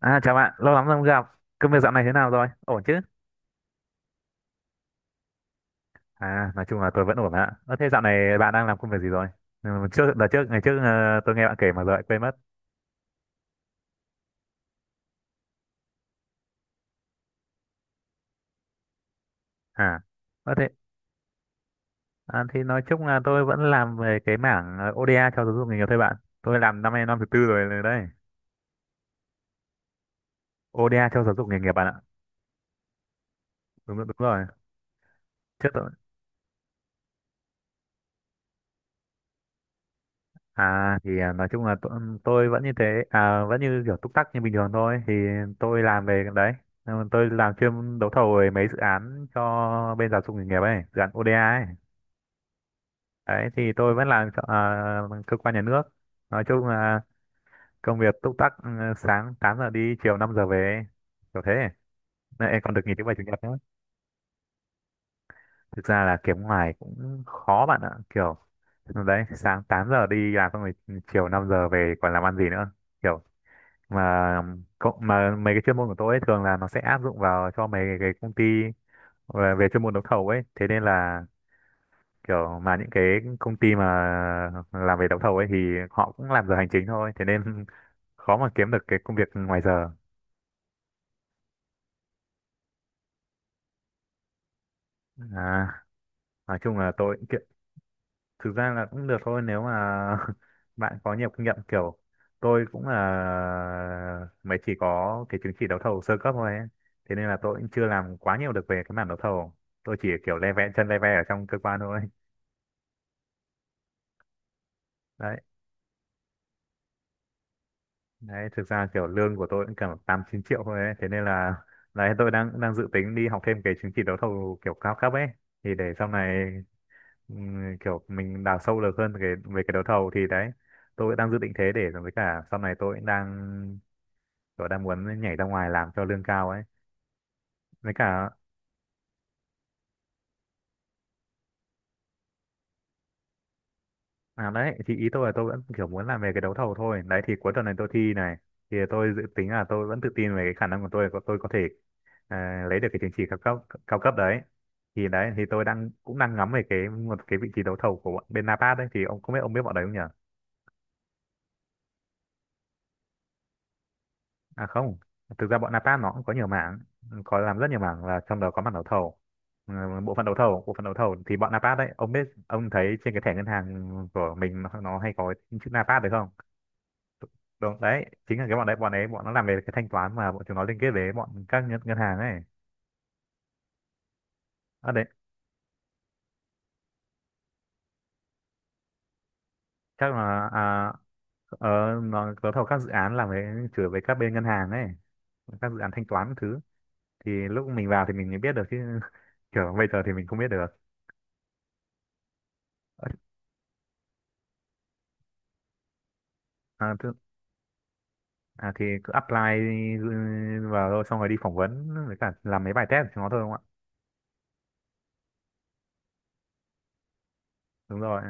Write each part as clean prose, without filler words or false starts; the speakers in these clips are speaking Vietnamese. À chào bạn, lâu lắm rồi không gặp. Công việc dạo này thế nào rồi? Ổn chứ? Nói chung là tôi vẫn ổn ạ. Ơ thế dạo này bạn đang làm công việc gì rồi? Trước đợt trước ngày trước ờ, Tôi nghe bạn kể mà giờ lại quên mất. À. Ơ thế à, thì nói chung là tôi vẫn làm về cái mảng ODA cho giáo dục nghề nghiệp thôi bạn. Tôi làm năm nay năm thứ tư rồi đấy. ODA cho giáo dục nghề nghiệp bạn ạ. Đúng đúng rồi. Trước nói chung là tôi vẫn như thế à, vẫn như kiểu túc tắc như bình thường thôi thì tôi làm về cái đấy. Tôi làm chuyên đấu thầu về mấy dự án cho bên giáo dục nghề nghiệp ấy, dự án ODA ấy. Đấy thì tôi vẫn làm cho cơ quan nhà nước, nói chung là công việc túc tắc sáng 8 giờ đi, chiều 5 giờ về, kiểu thế. Này, còn được nghỉ thứ bảy chủ nhật nữa. Thực ra là kiếm ngoài cũng khó bạn ạ, kiểu đấy, sáng 8 giờ đi làm xong rồi chiều 5 giờ về còn làm ăn gì nữa kiểu mà mà mấy cái chuyên môn của tôi ấy, thường là nó sẽ áp dụng vào cho mấy cái công ty về, về chuyên môn đấu thầu ấy, thế nên là kiểu mà những cái công ty mà làm về đấu thầu ấy thì họ cũng làm giờ hành chính thôi, thế nên khó mà kiếm được cái công việc ngoài giờ. à, nói chung là tôi thực ra là cũng được thôi nếu mà bạn có nhiều kinh nghiệm, kiểu tôi cũng là mới chỉ có cái chứng chỉ đấu thầu sơ cấp thôi ấy. Thế nên là tôi cũng chưa làm quá nhiều được về cái mảng đấu thầu, tôi chỉ kiểu le ve chân le ve ở trong cơ quan thôi. Đấy, đấy thực ra kiểu lương của tôi cũng cả 8 9 triệu thôi ấy. Thế nên là đấy, tôi đang đang dự tính đi học thêm cái chứng chỉ đấu thầu kiểu cao cấp ấy thì để sau này kiểu mình đào sâu được hơn về cái đấu thầu, thì đấy tôi đang dự định thế. Để với cả sau này tôi đang muốn nhảy ra ngoài làm cho lương cao ấy với cả à, đấy thì ý tôi là tôi vẫn kiểu muốn làm về cái đấu thầu thôi. Đấy thì cuối tuần này tôi thi này, thì tôi dự tính là tôi vẫn tự tin về cái khả năng của tôi tôi có thể lấy được cái chứng chỉ cao cấp, cao cấp đấy. Thì đấy thì tôi cũng đang ngắm về một cái vị trí đấu thầu của bọn bên Napat đấy, thì ông không biết, ông biết bọn đấy không nhỉ? À không, thực ra bọn Napat nó cũng có nhiều mảng, có làm rất nhiều mảng, là trong đó có mảng đấu thầu. Ừ, bộ phận đấu thầu, bộ phận đấu thầu thì bọn Napat đấy, ông biết, ông thấy trên cái thẻ ngân hàng của mình nó hay có chữ Napat được không? Đúng, đấy, chính là cái bọn đấy, bọn ấy, bọn nó làm về cái thanh toán mà bọn chúng nó liên kết với bọn các ngân hàng ấy. Ở đấy, chắc là ờ, nó đấu thầu các dự án làm với chửi với các bên ngân hàng ấy, các dự án thanh toán các thứ. Thì lúc mình vào thì mình mới biết được chứ kiểu bây giờ thì mình không biết được. À, à thì cứ apply ừ, vào thôi, xong rồi đi phỏng vấn với cả làm mấy bài test cho nó thôi đúng không ạ? Đúng rồi,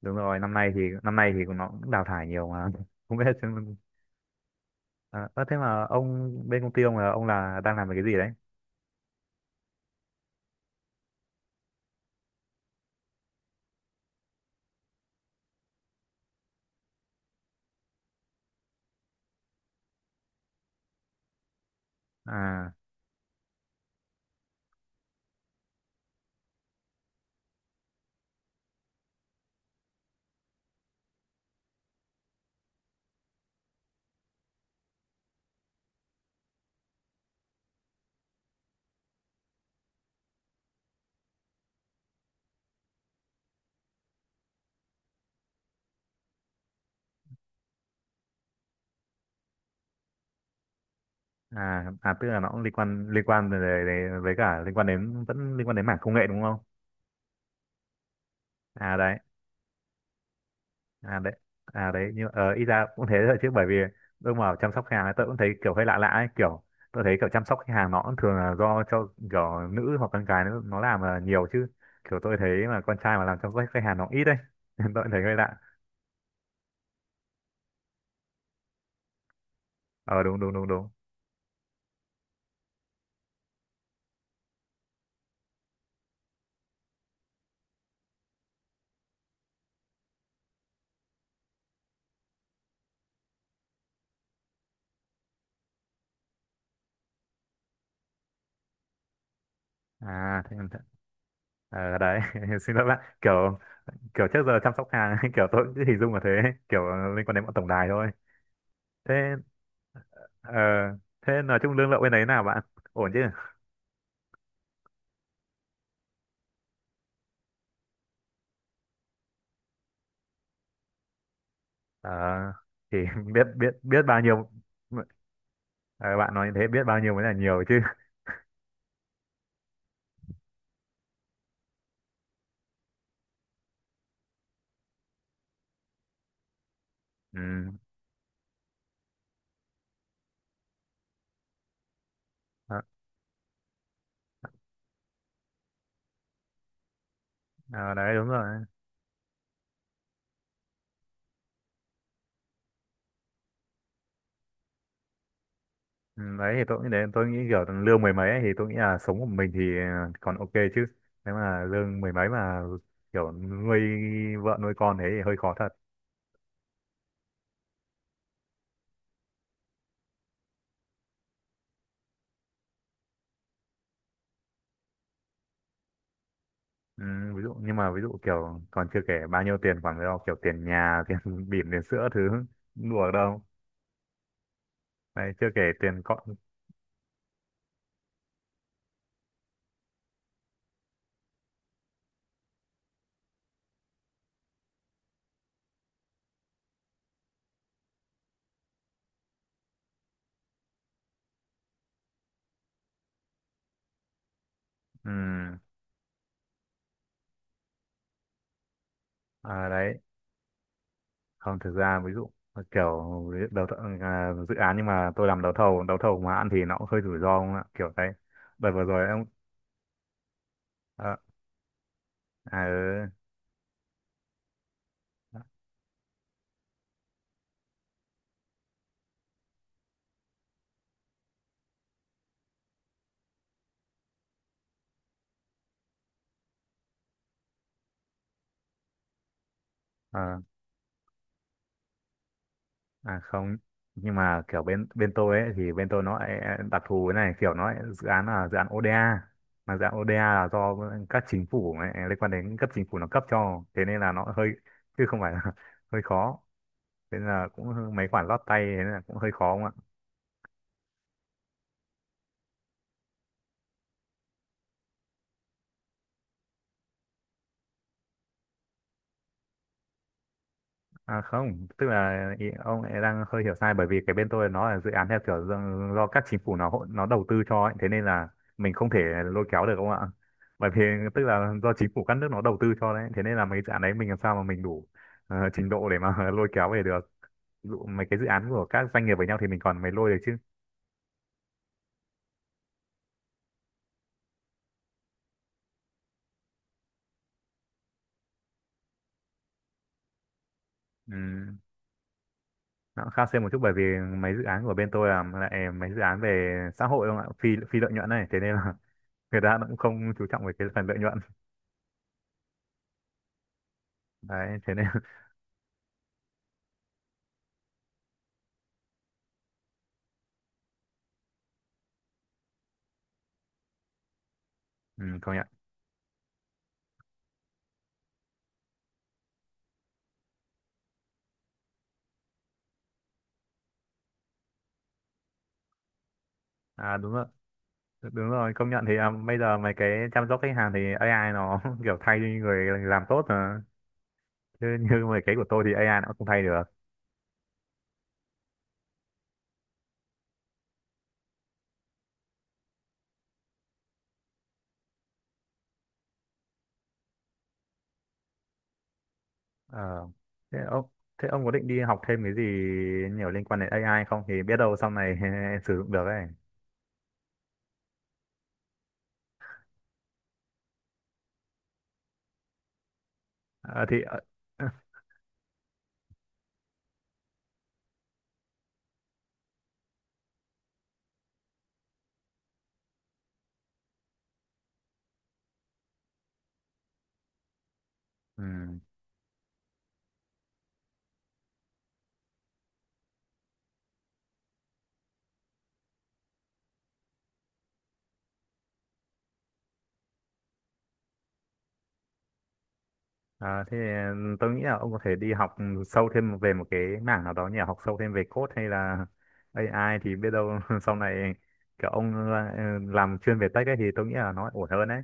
năm nay thì nó cũng đào thải nhiều mà. Không biết xem- à, ơ, thế mà ông bên công ty ông là ông đang làm về cái gì đấy? À à tức là nó cũng liên quan về, với cả liên quan đến, vẫn liên quan đến mảng công nghệ đúng không? À đấy. à đấy à đấy nhưng ờ ít ra cũng thế thôi chứ bởi vì tôi mà chăm sóc khách hàng ấy, tôi cũng thấy kiểu hơi lạ lạ ấy, kiểu tôi thấy kiểu chăm sóc khách hàng nó cũng thường là do cho kiểu nữ hoặc con gái nó làm là nhiều chứ, kiểu tôi thấy mà con trai mà làm chăm sóc khách hàng nó ít đấy nên tôi cũng thấy hơi lạ. Ờ đúng đúng. À thế, em thế. Ờ đấy xin lỗi bạn, kiểu kiểu trước giờ chăm sóc hàng kiểu tôi cũng cứ hình dung là thế, kiểu liên quan đến bọn tổng đài thôi. Thế ờ, thế nói chung lương lậu bên đấy nào bạn, ổn chứ? Ờ, thì biết biết biết bao nhiêu. Ờ, bạn nói như thế biết bao nhiêu mới là nhiều chứ? Ừ. Ờ, ờ, đấy đúng rồi. Ừ, đấy thì tôi nghĩ đến, tôi nghĩ kiểu lương mười mấy ấy, thì tôi nghĩ là sống của mình thì còn ok chứ, nếu mà lương mười mấy mà kiểu nuôi vợ nuôi con thế thì hơi khó thật. Ừ, ví dụ nhưng mà ví dụ kiểu còn chưa kể bao nhiêu tiền khoản đó, kiểu tiền nhà tiền bỉm tiền sữa thứ, đùa đâu. Đấy chưa kể tiền con. Ừ. À, đấy không thực ra ví dụ kiểu đấu thầu, dự án, nhưng mà tôi làm đấu thầu, đấu thầu mà ăn thì nó cũng hơi rủi ro không ạ, kiểu đấy đợt vừa rồi ông à, ừ, à, không. Nhưng mà kiểu bên bên tôi ấy, thì bên tôi nó lại đặc thù cái này, kiểu nó lại dự án là dự án ODA, mà dự án ODA là do các chính phủ ấy, liên quan đến cấp chính phủ nó cấp cho, thế nên là nó hơi chứ không phải là hơi khó, thế nên là cũng hơi- mấy khoản lót tay, thế nên là cũng hơi khó. À không, tức là ý, ông lại đang hơi hiểu sai, bởi vì cái bên tôi nó là dự án theo kiểu do, do các chính phủ nó nó đầu tư cho ấy, thế nên là mình không thể lôi kéo được ông ạ. Bởi vì tức là do chính phủ các nước nó đầu tư cho đấy, thế nên là mấy dự án đấy mình làm sao mà mình đủ trình độ để mà lôi kéo về được. Ví dụ mấy cái dự án của các doanh nghiệp với nhau thì mình còn mới lôi được chứ. Ừ, nó cũng khá xem một chút, bởi vì mấy dự án của bên tôi là lại mấy dự án về xã hội không ạ, phi phi lợi nhuận này, thế nên là người ta cũng không chú trọng về cái phần lợi nhuận. Đấy, thế nên ừ, công nhận. À đúng rồi, công nhận thì bây giờ mấy cái chăm sóc khách hàng thì AI nó kiểu thay đi người làm tốt mà. Chứ như mấy cái của tôi thì AI nó cũng không thay được. Ờ, Thế ông thế ông có định đi học thêm cái gì nhiều liên quan đến AI không, thì biết đâu sau này sử dụng được ấy. Ờ, thì ờ, ừ. Ờ, thế tôi nghĩ là ông có thể đi học sâu thêm về một cái mảng nào đó nhỉ, học sâu thêm về code hay là AI, thì biết đâu sau này kiểu ông làm chuyên về tech ấy thì tôi nghĩ là nó ổn hơn đấy.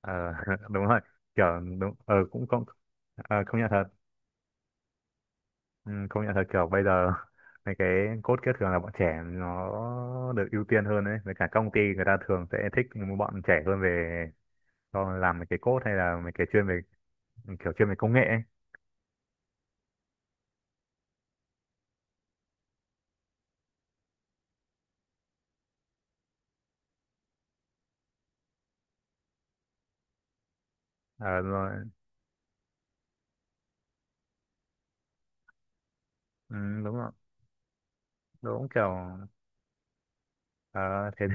Ờ, đúng rồi, kiểu đúng ờ cũng không. Ờ, công nhận thật. Ừ, công nhận thật kiểu bây giờ mấy cái code kia thường là bọn trẻ nó được ưu tiên hơn đấy, với cả công ty người ta thường sẽ thích những bọn trẻ hơn về cho làm mấy cái code hay là mấy cái chuyên về chuyên về công nghệ ấy. Ờ, rồi. Ừ, đúng rồi, đúng kiểu ờ, thế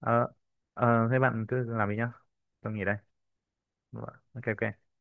ờ, thế bạn cứ làm đi nhá, tôi nghỉ đây. Ok ok.